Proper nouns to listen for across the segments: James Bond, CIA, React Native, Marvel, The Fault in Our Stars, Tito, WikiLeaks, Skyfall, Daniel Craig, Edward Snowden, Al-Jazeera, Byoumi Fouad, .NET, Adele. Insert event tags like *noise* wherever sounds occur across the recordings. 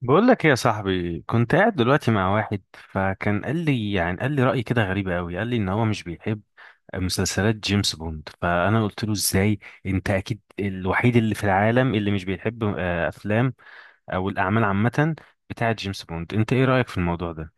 بقول لك ايه يا صاحبي؟ كنت قاعد دلوقتي مع واحد فكان قال لي رأي كده غريب قوي. قال لي ان هو مش بيحب مسلسلات جيمس بوند. فانا قلت له ازاي؟ انت اكيد الوحيد اللي في العالم اللي مش بيحب افلام او الاعمال عامة بتاعه جيمس بوند. انت ايه رأيك في الموضوع ده؟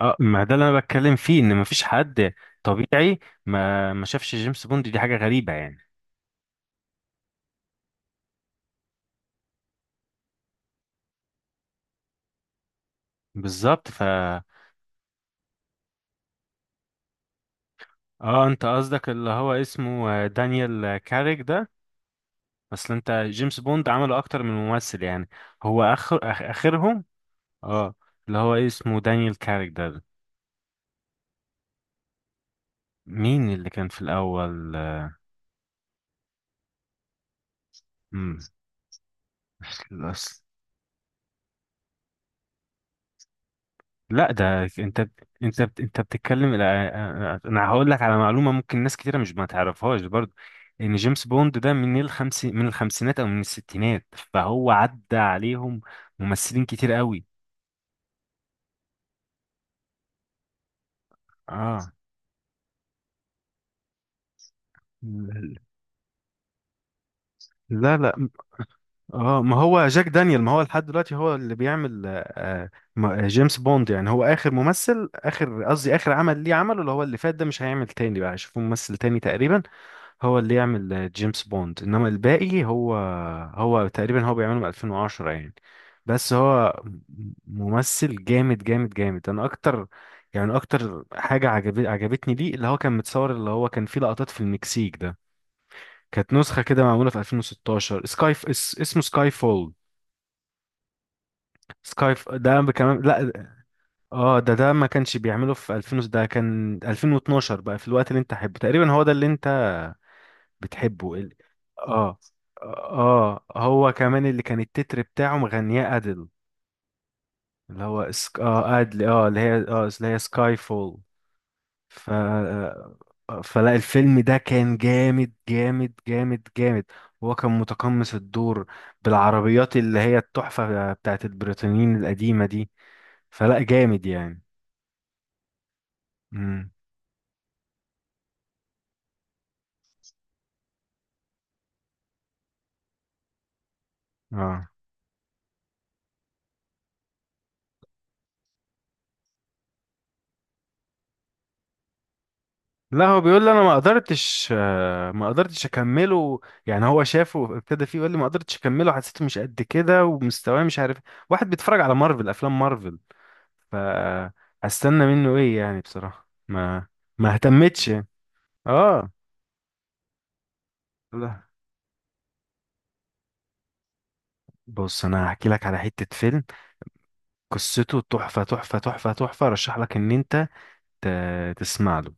اه، ما ده اللي انا بتكلم فيه، ان مفيش حد طبيعي ما شافش جيمس بوند. دي حاجة غريبة يعني. بالظبط. اه، انت قصدك اللي هو اسمه دانيال كاريك ده. اصل انت جيمس بوند عمله اكتر من ممثل يعني. هو اخر اخرهم. اه، اللي هو إيه اسمه دانيال كاريك ده. مين اللي كان في الاول؟ امم أصل... لا ده انت بتتكلم. لا، انا هقول لك على معلومه ممكن ناس كتيره مش ما تعرفهاش برضه، ان جيمس بوند ده من الخمسينات او من الستينات، فهو عدى عليهم ممثلين كتير قوي. اه. لا، لا. اه، ما هو جاك دانيال، ما هو لحد دلوقتي هو اللي بيعمل آه، جيمس بوند. يعني هو اخر قصدي اخر عمل ليه، عمله اللي هو اللي فات ده، مش هيعمل تاني بقى، هيشوفوا ممثل تاني تقريبا هو اللي يعمل جيمس بوند. انما الباقي هو، هو تقريبا بيعمله من 2010 يعني. بس هو م- ممثل جامد جامد جامد. انا اكتر يعني اكتر حاجة عجبتني ليه، اللي هو كان فيه لقطات في المكسيك ده. كانت نسخة كده معمولة في 2016، اسمه سكاي فول. ده كمان، لا. اه، ده ما كانش بيعمله في 2000 ده كان 2012 بقى. في الوقت اللي انت حبه تقريبا هو ده اللي انت بتحبه ال- اه. اه، هو كمان اللي كان التتر بتاعه مغنياه ادل، اللي هو سك... اه ادل، اه، اللي هي سكاي فول. ف فلا الفيلم ده كان جامد جامد جامد جامد. هو كان متقمص الدور بالعربيات اللي هي التحفة بتاعت البريطانيين القديمة دي. فلا جامد يعني. اه، لا، هو بيقول لي انا ما قدرتش، ما قدرتش اكمله يعني هو شافه، ابتدى فيه يقول لي ما قدرتش اكمله، حسيته مش قد كده ومستواه، مش عارف. واحد بيتفرج على افلام مارفل، ف هستنى منه ايه يعني؟ بصراحة ما اهتمتش يعني. اه. لا، بص انا هحكي لك على حتة فيلم قصته تحفة تحفة تحفة تحفة. رشح لك ان انت تسمع له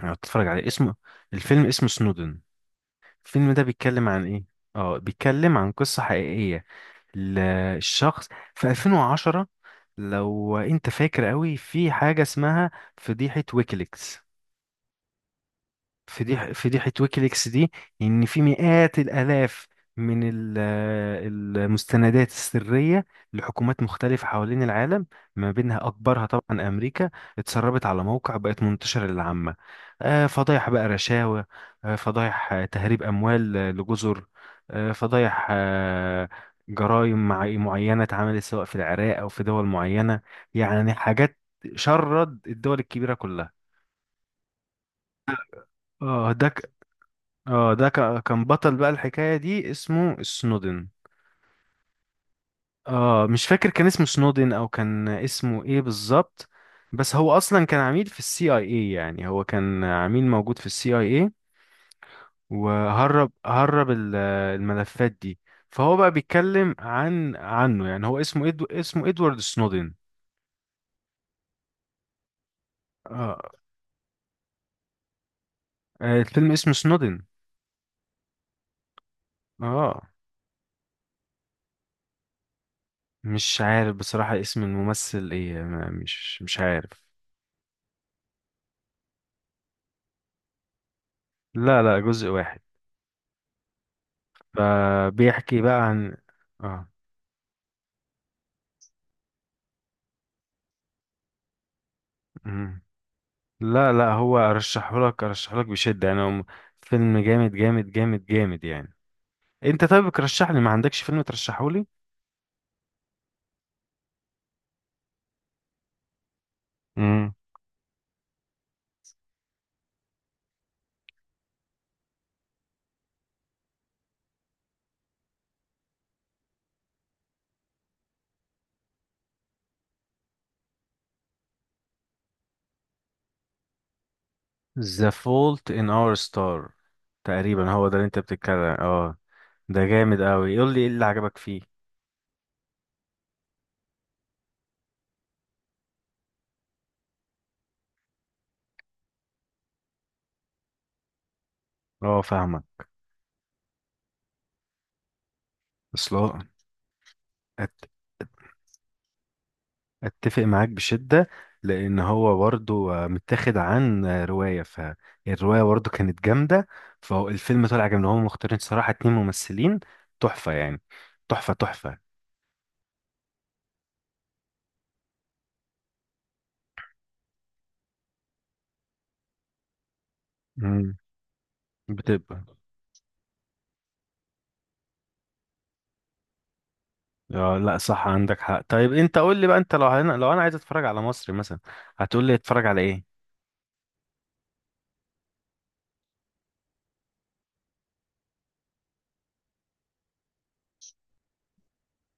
يعني تتفرج عليه. اسمه الفيلم اسمه سنودن. الفيلم ده بيتكلم عن ايه؟ اه، بيتكلم عن قصة حقيقية. ال- الشخص في 2010، لو انت فاكر قوي، في حاجة اسمها فضيحة ويكيليكس. فضيحة ويكيليكس دي، إن في مئات الآلاف من المستندات السرية لحكومات مختلفة حوالين العالم، ما بينها أكبرها طبعا أمريكا، اتسربت على موقع، بقت منتشرة للعامة. فضايح بقى، رشاوى، فضايح تهريب أموال، لجزر، فضايح، جرائم معينة اتعملت سواء في العراق أو في دول معينة. يعني حاجات شرد الدول الكبيرة كلها. اه، ده كان بطل بقى الحكاية دي اسمه سنودن. اه، مش فاكر كان اسمه سنودن او كان اسمه ايه بالظبط. بس هو اصلا كان عميل في السي اي اي، يعني هو كان عميل موجود في السي اي اي وهرب، الملفات دي. فهو بقى بيتكلم عنه. يعني هو اسمه إدو اسمه ادوارد سنودن. اه. الفيلم اسمه سنودن. اه، مش عارف بصراحة اسم الممثل ايه، مش عارف. لا، لا، جزء واحد. فبيحكي بقى عن، اه. مم. لا، لا، هو ارشحهولك، بشدة يعني. هو فيلم جامد جامد جامد جامد يعني. انت طيب ترشح لي، ما عندكش فيلم ترشحهولي؟ امم The Fault in Our Star، تقريبا هو ده اللي انت بتتكلم. اه، ده جامد قوي. قول لي ايه اللي عجبك فيه؟ اه، فاهمك. اصل هو، اتفق معاك بشدة. لان هو برضو متاخد عن رواية، فالرواية برضو كانت جامدة، فالفيلم طلع جامد. هم مختارين صراحة اتنين ممثلين تحفة يعني. تحفة تحفة. مم. بتبقى آه، لا صح، عندك حق. طيب انت قول لي بقى، انت لو انا عايز اتفرج على مصري مثلا، هتقول لي اتفرج على ايه؟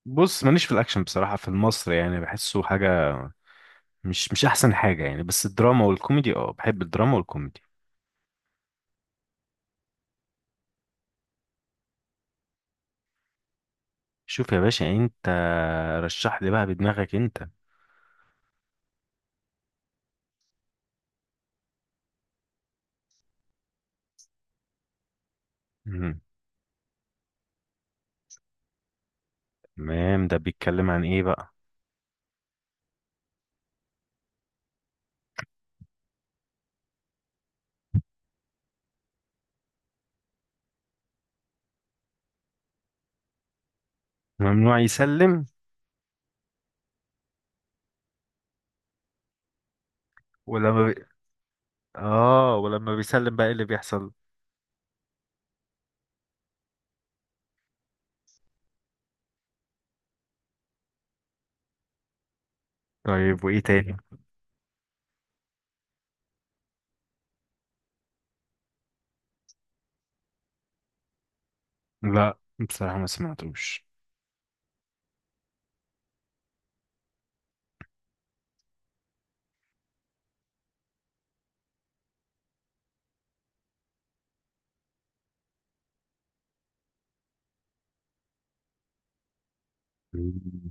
بص ماليش في الاكشن بصراحة في المصري، يعني بحسه حاجة مش احسن حاجة يعني. بس الدراما والكوميدي، اه، بحب الدراما والكوميدي. شوف يا باشا انت، رشح لي بقى بدماغك انت. مم. تمام، ده بيتكلم عن ايه بقى؟ ممنوع يسلم. ولما بي... اه، ولما بيسلم بقى ايه اللي بيحصل؟ طيب وايه تاني؟ لا بصراحة ما سمعتوش. مم.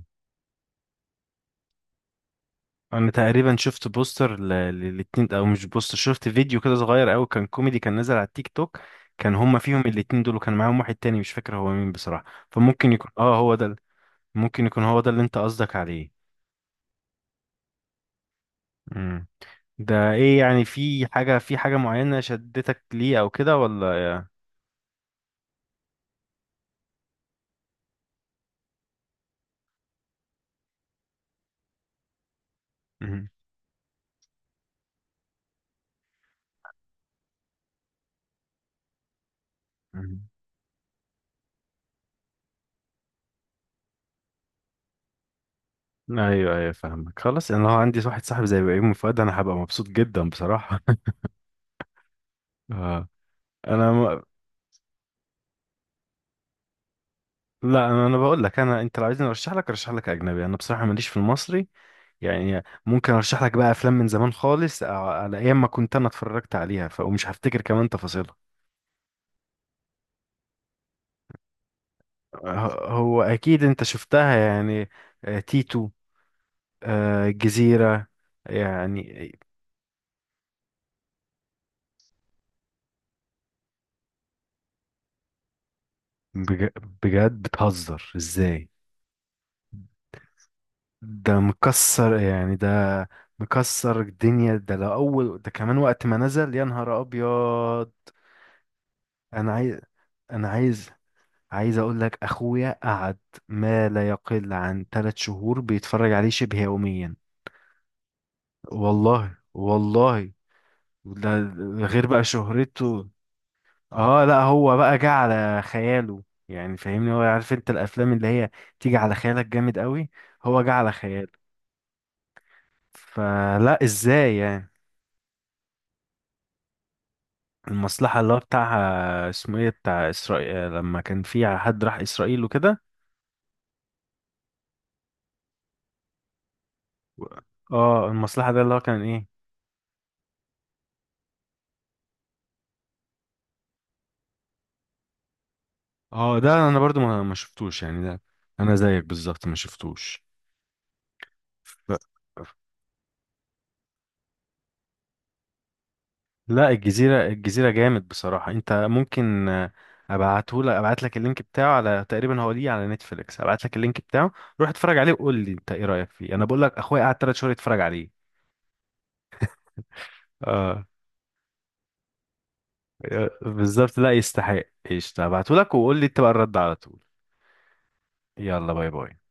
انا تقريبا شفت بوستر للاتنين، او مش بوستر، شفت فيديو كده صغير قوي كان كوميدي كان نازل على التيك توك. كان هما فيهم الاتنين دول وكان معاهم واحد تاني مش فاكر هو مين بصراحة. فممكن يكون، اه، هو ده ممكن يكون هو ده اللي انت قصدك عليه. مم. ده ايه يعني، في حاجة، معينة شدتك ليه او كده، ولا؟ مم. مم. ايوه، ايوه، فاهمك. خلاص، انا لو عندي واحد صاحب زي بيومي فؤاد انا هبقى مبسوط جدا بصراحة. *laughs* اه. انا م... لا انا بقول لك انا، انت لو عايزني ارشح لك، ارشح لك اجنبي. انا بصراحة ماليش في المصري يعني. ممكن ارشح لك بقى افلام من زمان خالص، على ايام ما كنت انا اتفرجت عليها، ومش هفتكر كمان تفاصيلها. هو اكيد انت شفتها يعني. تيتو، الجزيرة. يعني بج... بجد بتهزر ازاي؟ ده مكسر يعني، ده مكسر الدنيا ده، لو اول ده كمان وقت ما نزل يا نهار ابيض. انا عايز انا عايز عايز اقول لك اخويا قعد ما لا يقل عن 3 شهور بيتفرج عليه شبه يوميا. والله والله، ده غير بقى شهرته. اه، لا، هو بقى جه على خياله يعني، فاهمني؟ هو عارف انت الافلام اللي هي تيجي على خيالك جامد قوي، هو جه على خياله. فلا ازاي يعني. المصلحة اللي هو بتاعها اسمه ايه، بتاع اسرائيل لما كان في حد راح اسرائيل وكده و- اه، المصلحة ده اللي هو كان ايه. اه، ده انا برضو ما شفتوش يعني. ده انا زيك بالظبط ما شفتوش. ف- لا، الجزيرة، الجزيرة جامد بصراحة. انت ممكن ابعت لك اللينك بتاعه، على تقريبا هو ليه على نتفليكس، ابعت لك اللينك بتاعه. روح اتفرج عليه وقول لي انت ايه رأيك فيه. انا بقول لك اخويا قعد 3 شهور يتفرج عليه. آه، بالظبط، لا يستحق. ايش هبعتهولك وقول لي انت بقى الرد على طول. يلا، باي باي.